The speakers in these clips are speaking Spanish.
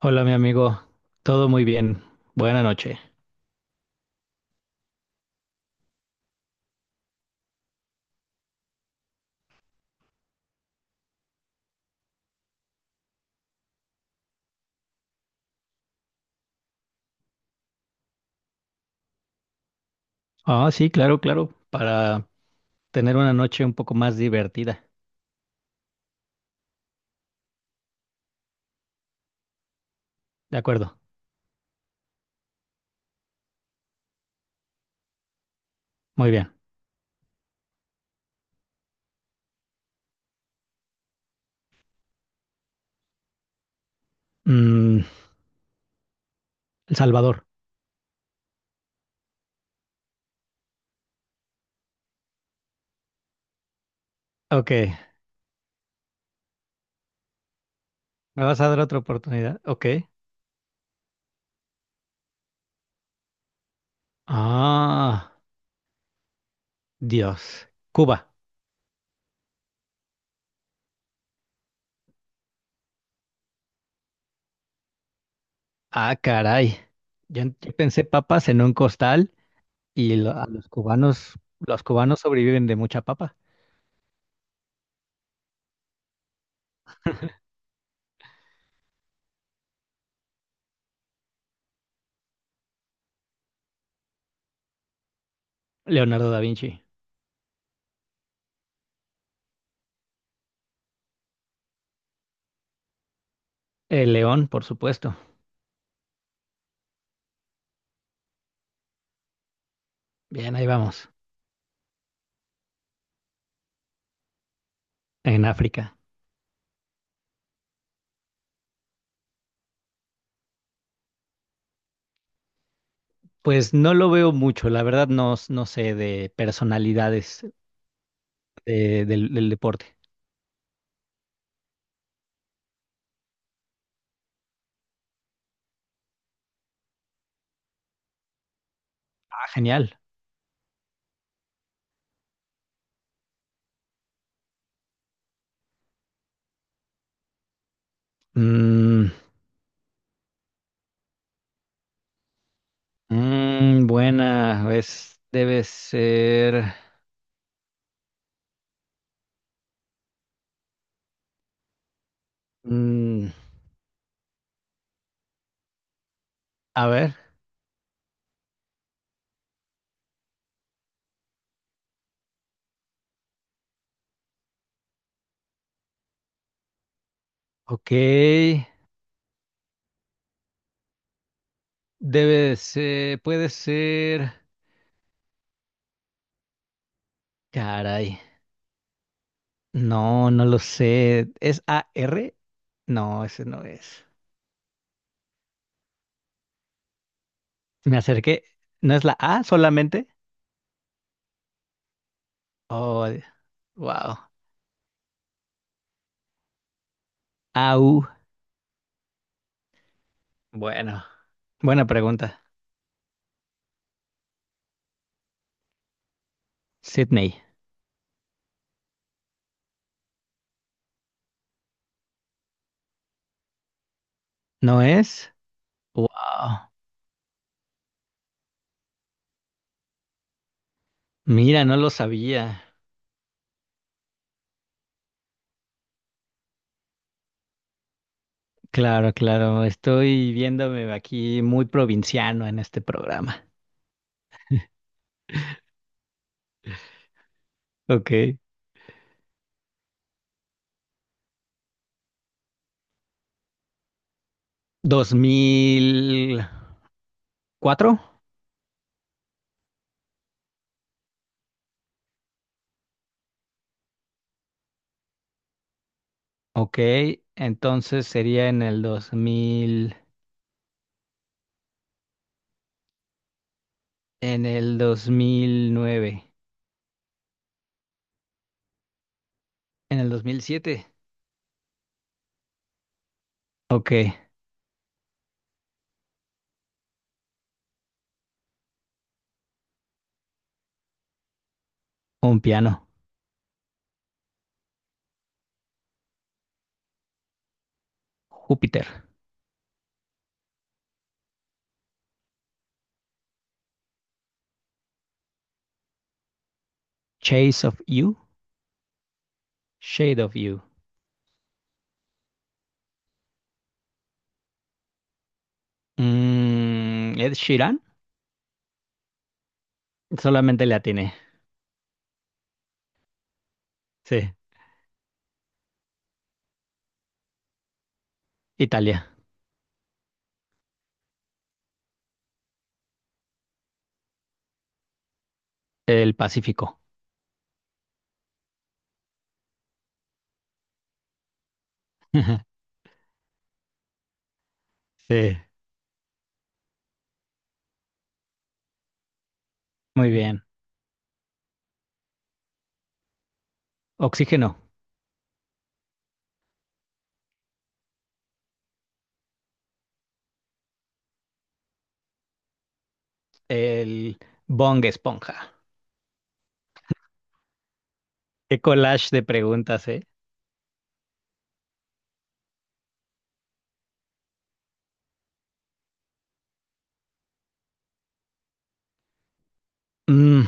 Hola, mi amigo. Todo muy bien. Buena noche. Ah, sí, claro, claro. Para tener una noche un poco más divertida. De acuerdo. Muy bien. Mm, El Salvador. Ok. ¿Me vas a dar otra oportunidad? Ok. Ah, Dios. Cuba. Ah, caray. Yo pensé papas en un costal y a los cubanos sobreviven de mucha papa. Leonardo da Vinci. El león, por supuesto. Bien, ahí vamos. En África. Pues no lo veo mucho, la verdad no, no sé de personalidades del deporte. Ah, genial. Mm, buena, es, debe ser. mm, a ver, ok. Debe ser, puede ser. Caray, no, no lo sé. ¿Es AR? No, Ese no es. Me acerqué. ¿No es la A solamente? Oh, wow. Au. Bueno, buena pregunta. Sydney, ¿no es? Wow, mira, no lo sabía. Claro, claro, estoy viéndome aquí muy provinciano en este programa. Ok. ¿2004? Ok, entonces sería en el 2000, en el 2009, en el 2007. Ok, un piano. Júpiter. Chase of You, Shade of You. Ed Sheeran, solamente le atiné. Sí, Italia. El Pacífico. Sí, muy bien. Oxígeno. El Bong Esponja. Qué collage de preguntas, ¿eh? Mm,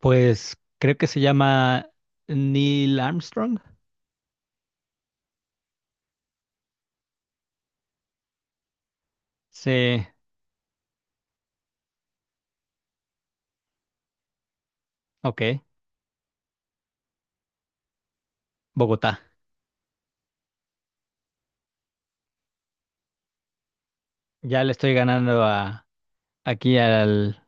pues creo que se llama Neil Armstrong. Sí, ok. Bogotá. Ya le estoy ganando a aquí al.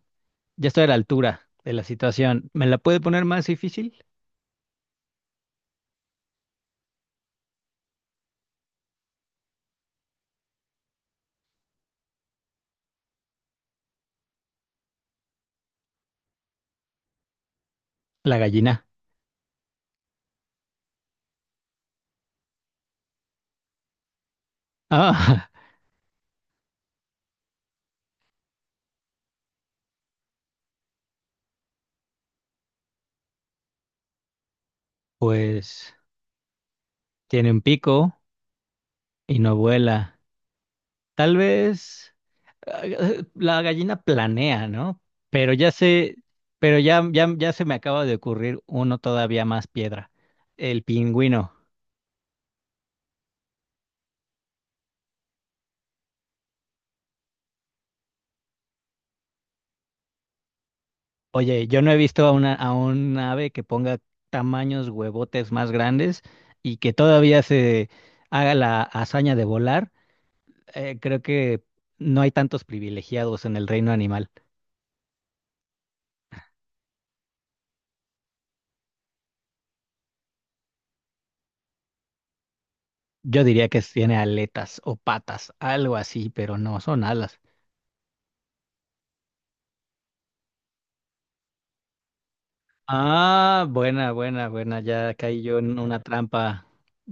Ya estoy a la altura de la situación. ¿Me la puede poner más difícil? La gallina. Ah, pues tiene un pico y no vuela. Tal vez la gallina planea, ¿no? Pero ya sé, pero ya, ya, ya se me acaba de ocurrir uno todavía más piedra, el pingüino. Oye, yo no he visto a un ave que ponga tamaños huevotes más grandes y que todavía se haga la hazaña de volar. Creo que no hay tantos privilegiados en el reino animal. Yo diría que tiene aletas o patas, algo así, pero no son alas. Ah, buena, buena, buena. Ya caí yo en una trampa,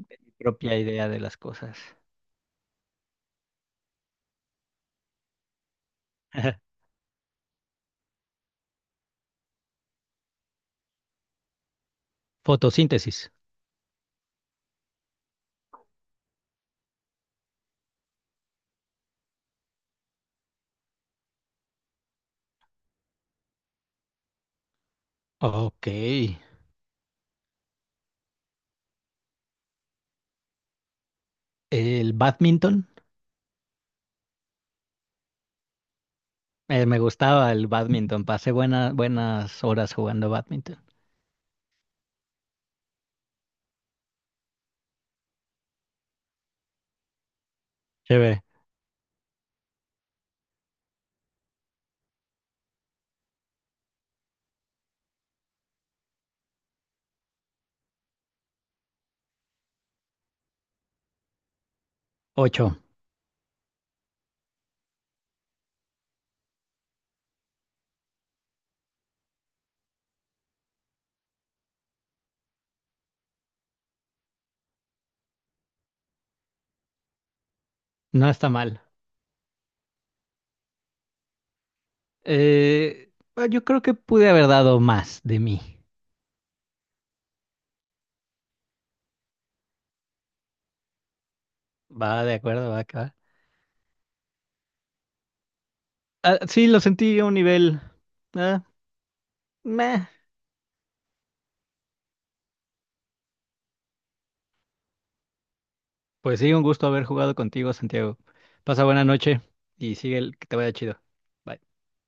mi propia idea de las cosas. Fotosíntesis. Ok. El badminton. Me gustaba el badminton. Pasé buenas horas jugando badminton. Chévere. Ocho. No está mal. Bueno, yo creo que pude haber dado más de mí. Va, de acuerdo, va, que va. Ah, sí, lo sentí a un nivel. eh, meh. Pues sí, un gusto haber jugado contigo, Santiago. Pasa buena noche y sigue el que te vaya chido. Bye.